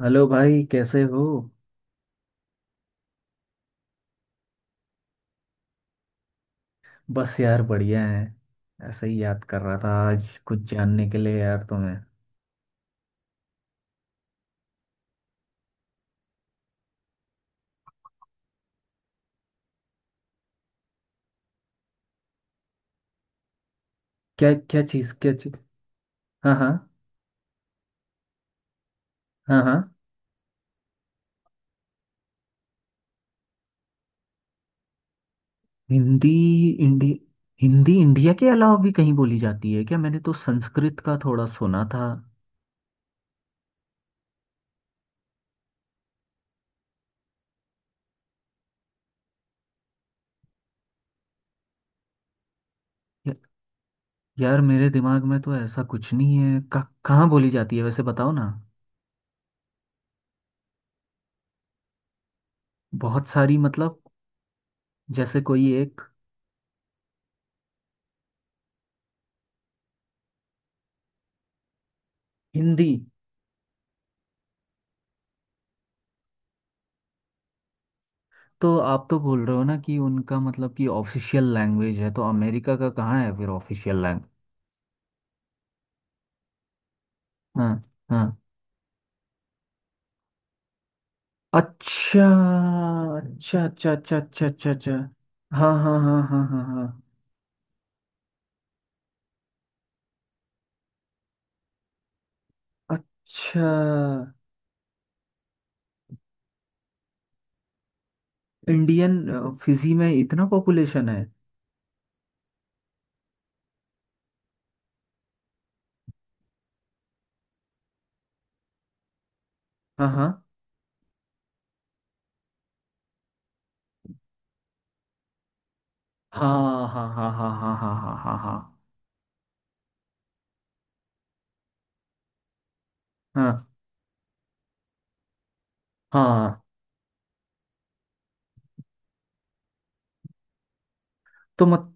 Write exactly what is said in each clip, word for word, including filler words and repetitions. Hello भाई, कैसे हो? बस यार, बढ़िया है। ऐसे ही याद कर रहा था, आज कुछ जानने के लिए यार तुम्हें। क्या क्या चीज़? क्या चीज़? हाँ हाँ। हाँ हाँ। हिंदी इंडी, हिंदी इंडिया के अलावा भी कहीं बोली जाती है क्या? मैंने तो संस्कृत का थोड़ा सुना था। या, यार मेरे दिमाग में तो ऐसा कुछ नहीं है का, कहाँ बोली जाती है वैसे बताओ ना। बहुत सारी मतलब, जैसे कोई एक हिंदी। तो आप तो बोल रहे हो ना कि उनका मतलब कि ऑफिशियल लैंग्वेज है, तो अमेरिका का कहाँ है फिर ऑफिशियल लैंग्वेज? हाँ। हाँ। अच्छा अच्छा अच्छा अच्छा अच्छा अच्छा अच्छा। हाँ हाँ हाँ हाँ हाँ हाँ। अच्छा। इंडियन, फिजी में इतना पॉपुलेशन है? हाँ हाँ। हाँ हाँ हाँ हाँ हाँ। हाँ हाँ हाँ हाँ हाँ हाँ हाँ। तो मत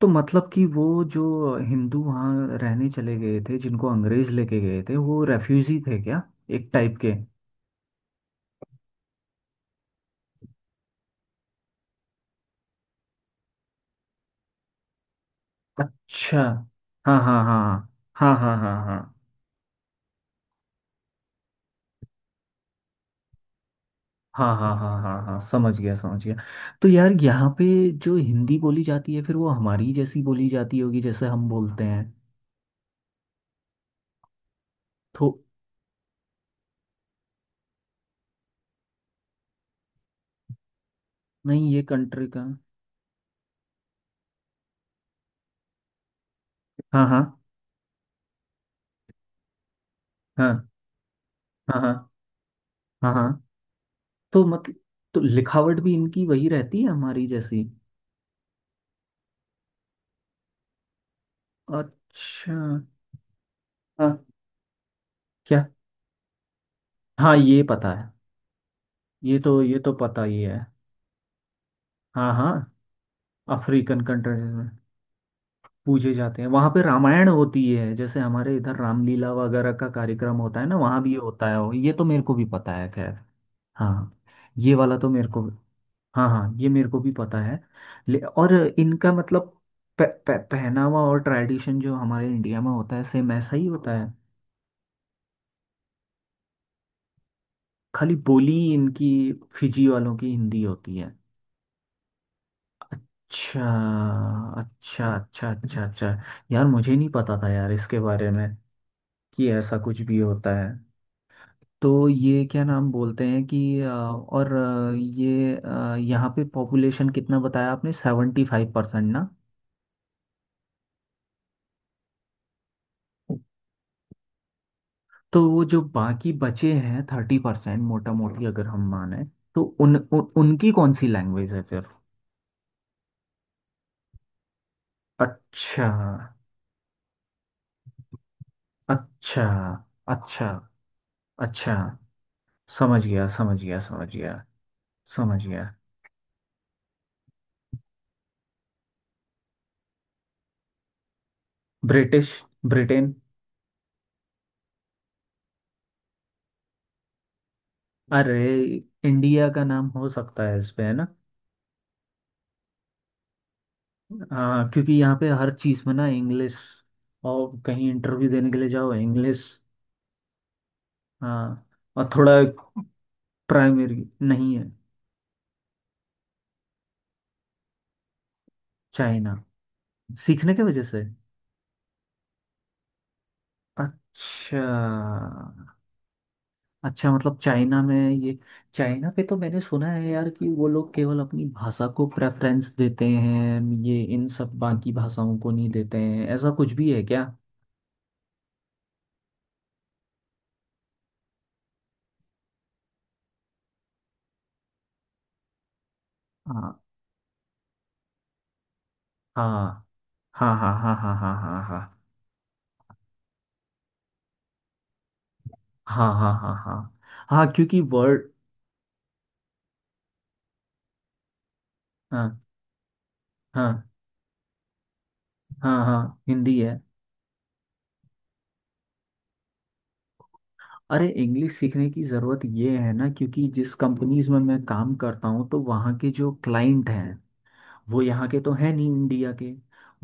तो मतलब कि वो जो हिंदू वहाँ रहने चले गए थे जिनको अंग्रेज लेके गए थे, वो रेफ्यूजी थे क्या? एक टाइप के। अच्छा। हाँ हाँ हाँ हाँ हाँ हाँ। हाँ हाँ हाँ हाँ हाँ हाँ हाँ। समझ गया समझ गया। तो यार, यहाँ पे जो हिंदी बोली जाती है, फिर वो हमारी जैसी बोली जाती होगी जैसे हम बोलते हैं? तो नहीं, ये कंट्री का। हाँ हाँ हाँ। हाँ हाँ। हाँ हाँ। तो मतलब, तो लिखावट भी इनकी वही रहती है, हमारी जैसी? अच्छा। हाँ। क्या? हाँ ये पता है। ये तो ये तो पता ही है। हाँ हाँ। African country? पूजे जाते हैं, वहां पे रामायण होती है जैसे हमारे इधर रामलीला वगैरह का कार्यक्रम होता है ना, वहां भी ये होता है, ये तो मेरे को भी पता है, खैर। हाँ। ये वाला तो मेरे को। हाँ हाँ, ये मेरे को भी पता है। ले, और इनका मतलब प- प- पहनावा और ट्रेडिशन जो हमारे इंडिया में होता है, सेम ऐसा ही होता है? खाली बोली इनकी, फिजी वालों की हिंदी होती है? अच्छा। अच्छा अच्छा अच्छा अच्छा। यार मुझे नहीं पता था यार इसके बारे में, कि ऐसा कुछ भी होता है। तो ये क्या नाम बोलते हैं कि अ, और अ, ये अ, यहाँ पे पॉपुलेशन कितना बताया आपने, सेवेंटी फाइव परसेंट ना? तो वो जो बाकी बचे हैं, थर्टी परसेंट मोटा मोटी अगर हम माने, तो उन, उन उनकी कौन सी लैंग्वेज है फिर? अच्छा अच्छा अच्छा अच्छा। समझ गया समझ गया समझ गया। समझ गया। British, Britain. अरे, इंडिया का नाम हो सकता है इसमें, है ना? हाँ, क्योंकि यहाँ पे हर चीज़ में ना इंग्लिश, और कहीं इंटरव्यू देने के लिए जाओ इंग्लिश। हाँ। और थोड़ा, प्राइमरी नहीं है। चाइना। सीखने के वजह से। अच्छा। अच्छा मतलब चाइना में ये, चाइना पे तो मैंने सुना है यार कि वो लोग केवल अपनी भाषा को प्रेफरेंस देते हैं, ये इन सब बाकी भाषाओं को नहीं देते हैं, ऐसा कुछ भी है क्या? हाँ हाँ। हाँ हाँ हाँ हाँ हाँ हाँ। हाँ हाँ हाँ हाँ हाँ। हाँ हाँ, क्योंकि वर्ड। हाँ हाँ। हाँ हाँ हिंदी है। अरे, इंग्लिश सीखने की ज़रूरत ये है ना, क्योंकि जिस कंपनीज में मैं काम करता हूँ, तो वहाँ के जो क्लाइंट हैं, वो यहाँ के तो है नहीं, इंडिया के,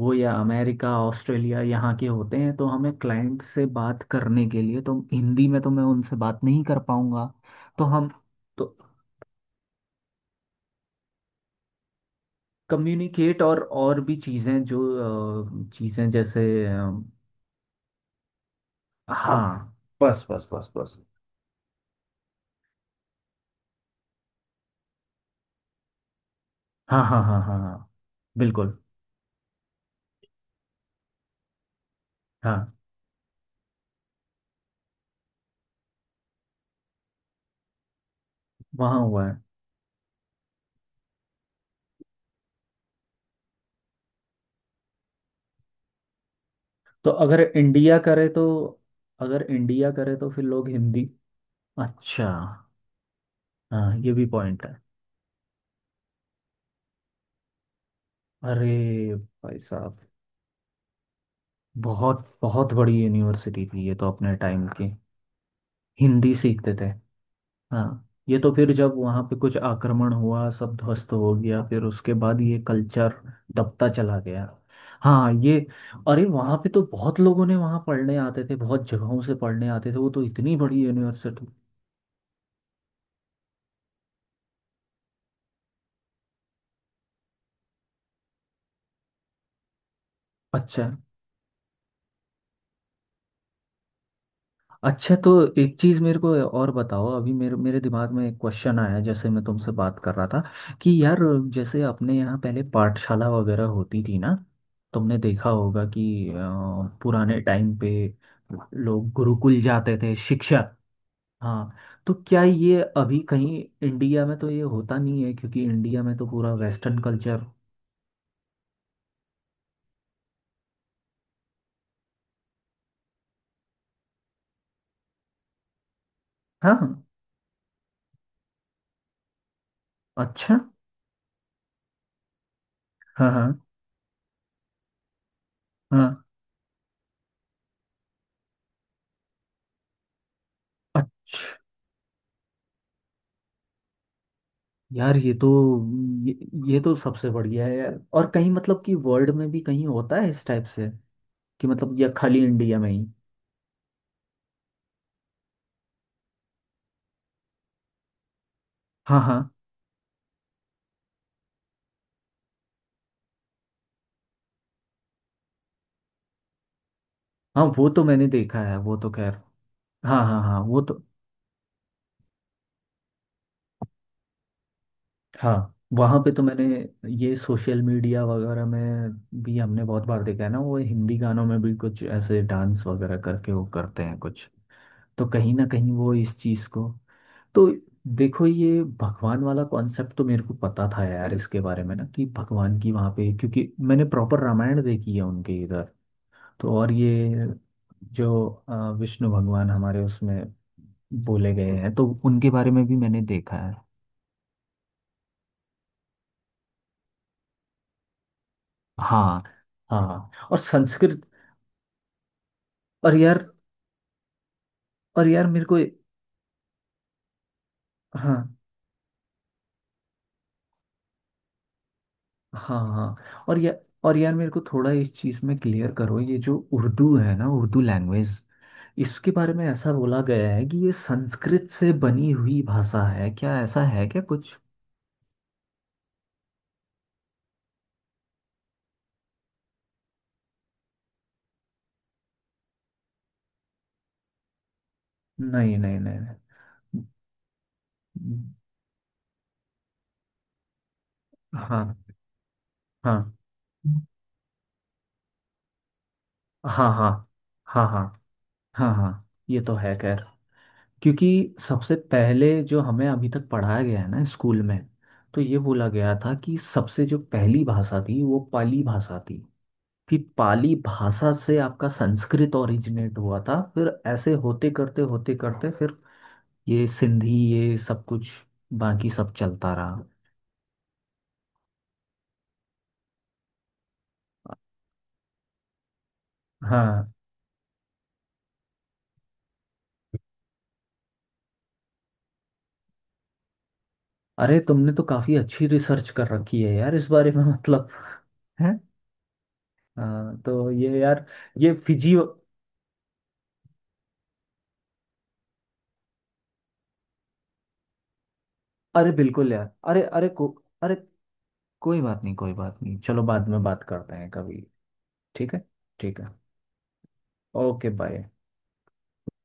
वो या अमेरिका, ऑस्ट्रेलिया, यहाँ के होते हैं। तो हमें क्लाइंट से बात करने के लिए, तो हिंदी में तो मैं उनसे बात नहीं कर पाऊँगा। तो हम, तो कम्युनिकेट और और भी चीज़ें जो, अ, चीज़ें जैसे अ, हाँ। बस बस बस बस। हाँ हाँ हाँ हाँ हाँ। बिल्कुल। हाँ वहाँ हुआ है। तो अगर इंडिया करे तो? अगर इंडिया करे तो फिर लोग हिंदी? अच्छा। हाँ, ये भी पॉइंट है। अरे! भाई साहब! बहुत बहुत बड़ी यूनिवर्सिटी थी ये तो अपने टाइम की। हिंदी सीखते थे। हाँ ये तो, फिर जब वहाँ पे कुछ आक्रमण हुआ, सब ध्वस्त हो गया, फिर उसके बाद ये कल्चर दबता चला गया। हाँ ये। अरे, वहाँ पे तो बहुत लोगों ने, वहाँ पढ़ने आते थे बहुत जगहों से, पढ़ने आते थे, वो तो इतनी बड़ी यूनिवर्सिटी। अच्छा। अच्छा, तो एक चीज़ मेरे को और बताओ, अभी मेरे मेरे दिमाग में एक क्वेश्चन आया जैसे मैं तुमसे बात कर रहा था कि यार, जैसे अपने यहाँ पहले पाठशाला वगैरह होती थी ना, तुमने देखा होगा कि अ, पुराने टाइम पे लोग गुरुकुल जाते थे, शिक्षक। हाँ। तो क्या ये अभी कहीं इंडिया में तो ये होता नहीं है, क्योंकि इंडिया में तो पूरा वेस्टर्न कल्चर? हाँ हाँ। अच्छा। हाँ हाँ हाँ। अच्छा यार, ये तो, ये, ये तो सबसे बढ़िया है यार। और कहीं मतलब कि वर्ल्ड में भी कहीं होता है इस टाइप से, कि मतलब, या खाली इंडिया में ही? हाँ हाँ हाँ, वो तो मैंने देखा है, वो तो खैर। हाँ हाँ हाँ, वो तो। हाँ वहाँ पे तो मैंने, ये सोशल मीडिया वगैरह में भी हमने बहुत बार देखा है ना, वो हिंदी गानों में भी कुछ ऐसे डांस वगैरह करके वो करते हैं कुछ। तो कहीं ना कहीं वो इस चीज़ को। तो देखो, ये भगवान वाला कॉन्सेप्ट तो मेरे को पता था यार इसके बारे में ना, कि भगवान की वहाँ पे, क्योंकि मैंने प्रॉपर रामायण देखी है उनके इधर। तो और ये जो अ, विष्णु भगवान हमारे, उसमें बोले गए हैं, तो उनके बारे में भी मैंने देखा है। हाँ। हाँ और संस्कृत। और यार, और यार मेरे को। हाँ हाँ हाँ और या, और यार मेरे को थोड़ा इस चीज़ में क्लियर करो, ये जो उर्दू है ना, उर्दू लैंग्वेज, इसके बारे में ऐसा बोला गया है कि ये संस्कृत से बनी हुई भाषा है क्या? ऐसा है क्या कुछ? नहीं नहीं नहीं, नहीं। हाँ हाँ। हाँ हाँ। हाँ हाँ। हाँ हाँ। ये तो है, खैर। क्योंकि सबसे पहले जो हमें अभी तक पढ़ाया गया है ना स्कूल में, तो ये बोला गया था कि सबसे जो पहली भाषा थी वो पाली भाषा थी, कि पाली भाषा से आपका संस्कृत ओरिजिनेट हुआ था, फिर ऐसे होते करते होते करते फिर ये सिंधी ये सब कुछ बाकी सब चलता रहा। हाँ। अरे, तुमने तो काफी अच्छी रिसर्च कर रखी है यार इस बारे में मतलब। है। हाँ तो ये यार, ये फिजी। अरे बिल्कुल यार, अरे, अरे को। अरे, कोई बात नहीं कोई बात नहीं, चलो बाद में बात करते हैं कभी। ठीक है। ठीक है। Okay bye.